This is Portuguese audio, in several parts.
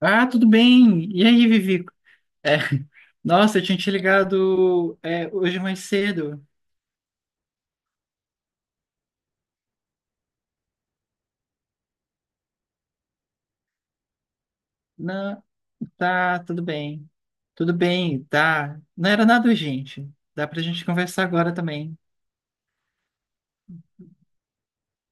Ah, tudo bem. E aí, Vivi? É, Nossa, eu tinha te ligado hoje mais cedo. Não, tá, tudo bem. Tudo bem, tá. Não era nada urgente. Dá pra gente conversar agora também.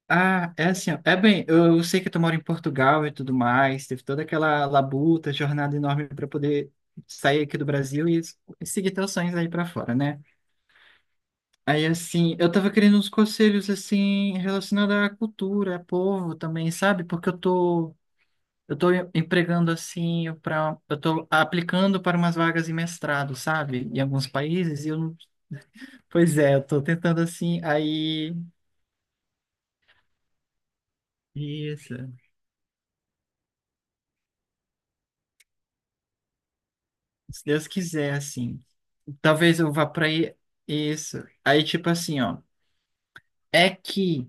Ah, é assim, ó. É bem, eu sei que tu mora em Portugal e tudo mais. Teve toda aquela labuta, jornada enorme para poder sair aqui do Brasil e seguir teus sonhos aí pra fora, né? Aí, assim, eu tava querendo uns conselhos, assim, relacionados à cultura, a povo também, sabe? Eu tô empregando, eu tô aplicando para umas vagas de mestrado, sabe? Em alguns países, e eu não... Pois é, eu tô tentando, assim, aí... Isso. Se Deus quiser, assim. Talvez eu vá pra aí... Isso. Aí, tipo assim, ó. É que...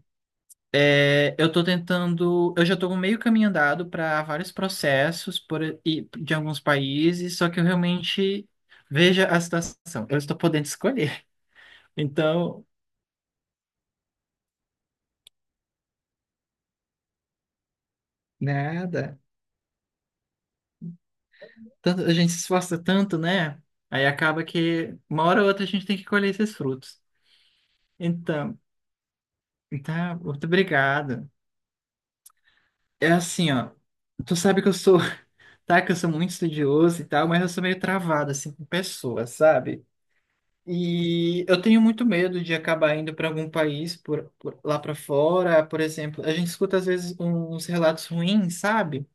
É, eu tô tentando. Eu já tô meio caminho andado para vários processos de alguns países, só que eu realmente veja a situação. Eu estou podendo escolher. Então, nada. Tanto, a gente se esforça tanto, né? Aí acaba que uma hora ou outra a gente tem que colher esses frutos. Então, tá, muito obrigado. É assim, ó. Tu sabe que eu sou, tá? Que eu sou muito estudioso e tal, mas eu sou meio travado, assim, com pessoas, sabe? E eu tenho muito medo de acabar indo para algum país lá para fora, por exemplo. A gente escuta às vezes uns relatos ruins, sabe?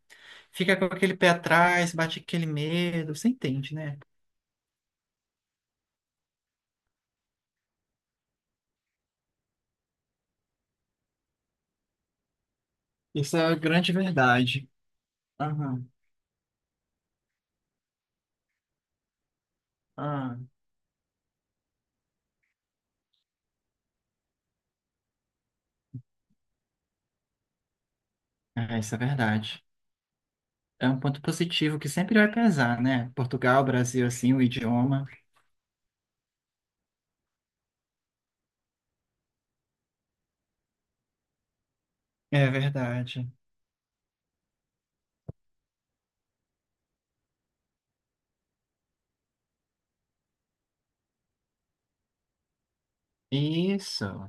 Fica com aquele pé atrás, bate aquele medo, você entende, né? Isso é a grande verdade. Aham, ah é, isso é verdade. É um ponto positivo que sempre vai pesar, né? Portugal, Brasil, assim, o idioma. É verdade. Isso,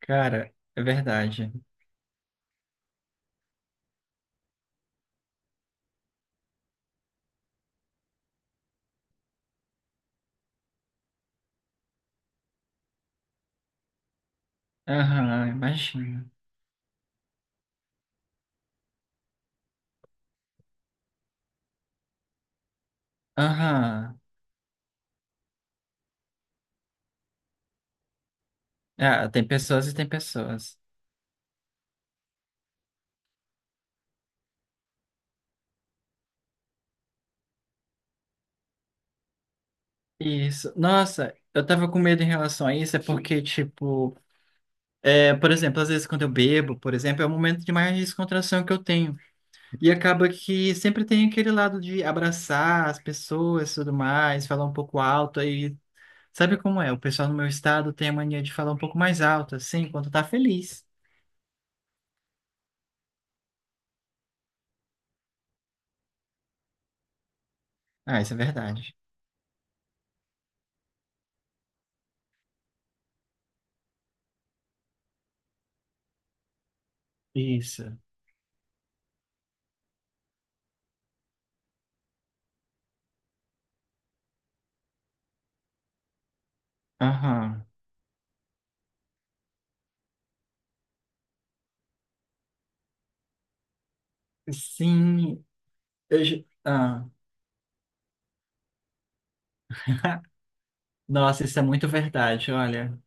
cara, é verdade. Aham, imagina. Aham. Ah, tem pessoas e tem pessoas. Isso. Nossa, eu tava com medo em relação a isso, é porque, tipo, é, por exemplo, às vezes quando eu bebo, por exemplo, é o momento de mais descontração que eu tenho. E acaba que sempre tem aquele lado de abraçar as pessoas e tudo mais, falar um pouco alto. Aí, sabe como é? O pessoal no meu estado tem a mania de falar um pouco mais alto, assim, quando tá feliz. Ah, isso é verdade. Isso. Aham. Sim. Ah. Nossa, isso é muito verdade, olha.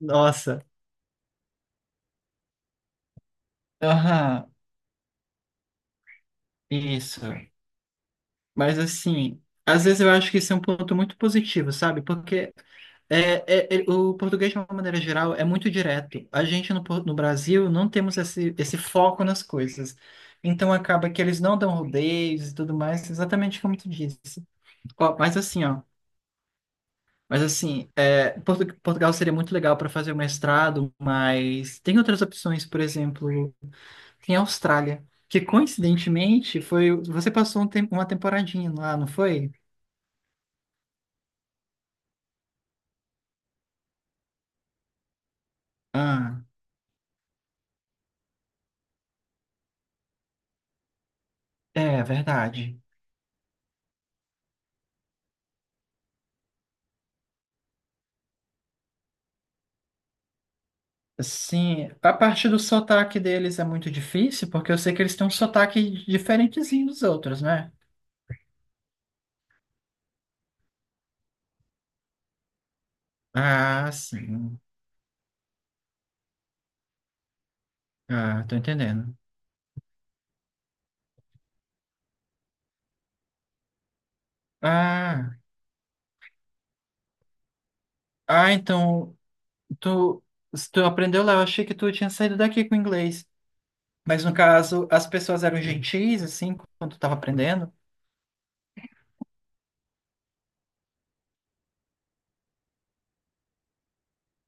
Nossa. Aham, isso. Mas assim, às vezes eu acho que isso é um ponto muito positivo, sabe? Porque é, o português, de uma maneira geral, é muito direto. A gente no Brasil não temos esse foco nas coisas. Então acaba que eles não dão rodeios e tudo mais, exatamente como tu disse. Ó. Mas assim, é, Portugal seria muito legal para fazer o mestrado, mas tem outras opções, por exemplo, em Austrália. Que coincidentemente foi. Você passou uma temporadinha lá, não foi? Ah, é verdade. Sim, a parte do sotaque deles é muito difícil, porque eu sei que eles têm um sotaque diferentezinho dos outros, né? Ah, sim. Ah, tô entendendo. Ah, ah, então tu, tu aprendeu lá, eu achei que tu tinha saído daqui com inglês. Mas no caso, as pessoas eram gentis, assim, quando tu tava aprendendo.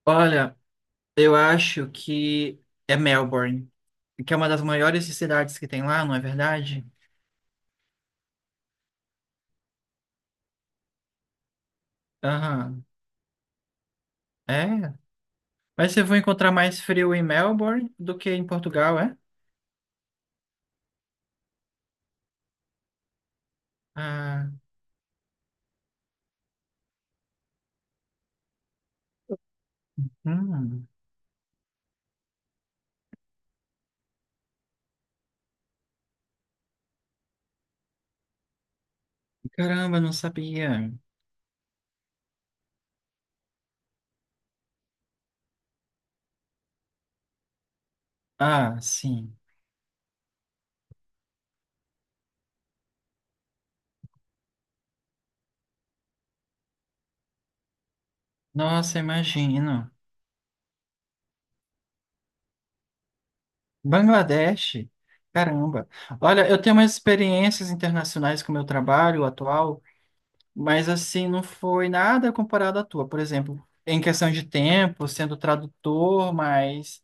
Olha, eu acho que é Melbourne, que é uma das maiores cidades que tem lá, não é verdade? Aham, é. Mas você vai encontrar mais frio em Melbourne do que em Portugal, é? Ah, hum. Caramba, não sabia. Ah, sim. Nossa, imagino. Bangladesh, caramba. Olha, eu tenho umas experiências internacionais com o meu trabalho atual, mas assim, não foi nada comparado à tua. Por exemplo, em questão de tempo, sendo tradutor, mas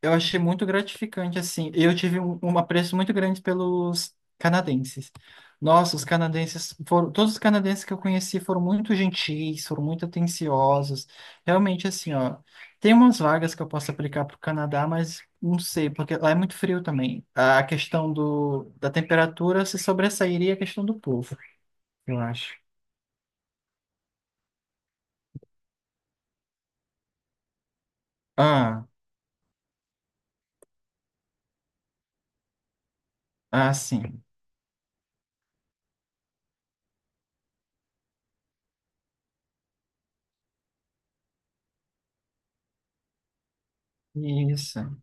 eu achei muito gratificante, assim. Eu tive um apreço muito grande pelos canadenses. Nossa, os canadenses foram, todos os canadenses que eu conheci foram muito gentis, foram muito atenciosos. Realmente, assim, ó, tem umas vagas que eu posso aplicar para o Canadá, mas não sei, porque lá é muito frio também. A questão da temperatura se sobressairia a questão do povo, eu acho. Ah. Ah, sim. Isso.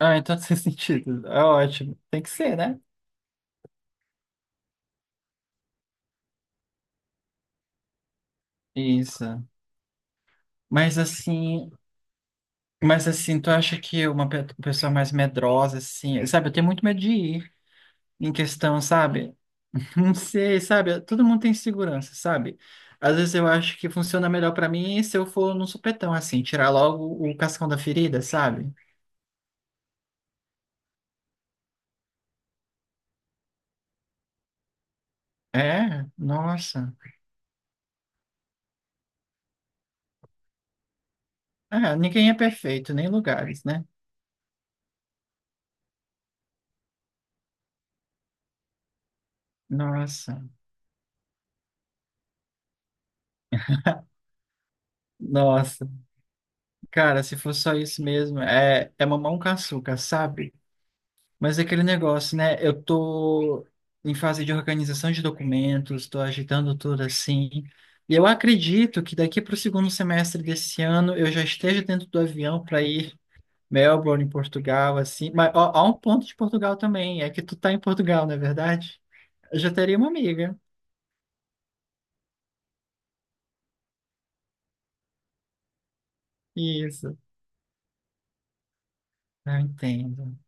Ah, então faz sentido. É ótimo. Tem que ser, né? Isso. Mas assim, mas assim, tu acha que uma pessoa mais medrosa, assim, sabe, eu tenho muito medo de ir em questão, sabe? Não sei, sabe? Todo mundo tem segurança, sabe? Às vezes eu acho que funciona melhor pra mim se eu for num supetão, assim, tirar logo o cascão da ferida, sabe? É, nossa. É, ninguém é perfeito, nem lugares, né? Nossa. Nossa. Cara, se for só isso mesmo, é, é mamão com açúcar, sabe? Mas é aquele negócio, né? Eu tô em fase de organização de documentos, tô agitando tudo assim. E eu acredito que daqui para o segundo semestre desse ano eu já esteja dentro do avião para ir Melbourne, em Portugal, assim. Mas ó, há um ponto de Portugal também, é que tu tá em Portugal, não é verdade? Eu já teria uma amiga. Isso, eu entendo.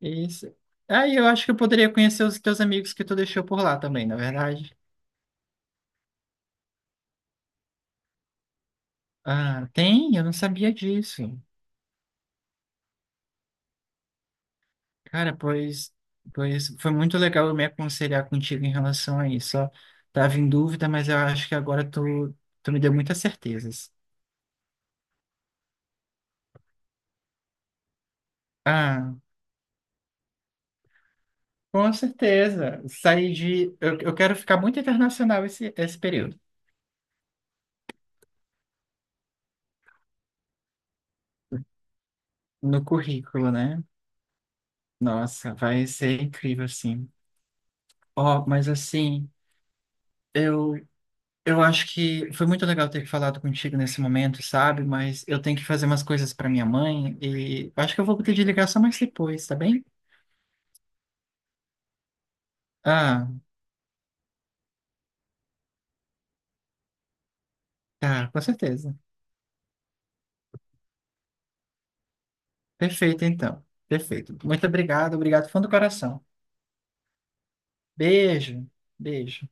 Isso. Aí eu acho que eu poderia conhecer os teus amigos que tu deixou por lá também, na verdade. Ah, tem? Eu não sabia disso. Cara, pois foi muito legal eu me aconselhar contigo em relação a isso. Ó, tava em dúvida, mas eu acho que agora tu, tu me deu muitas certezas. Ah, com certeza. Saí de. Eu quero ficar muito internacional esse período. No currículo, né? Nossa, vai ser incrível, assim. Ó, mas assim, eu Eu acho que foi muito legal ter falado contigo nesse momento, sabe? Mas eu tenho que fazer umas coisas para minha mãe e acho que eu vou ter de ligar só mais depois, tá bem? Ah, tá, com certeza. Perfeito, então. Perfeito. Muito obrigado, obrigado, fundo do coração. Beijo, beijo.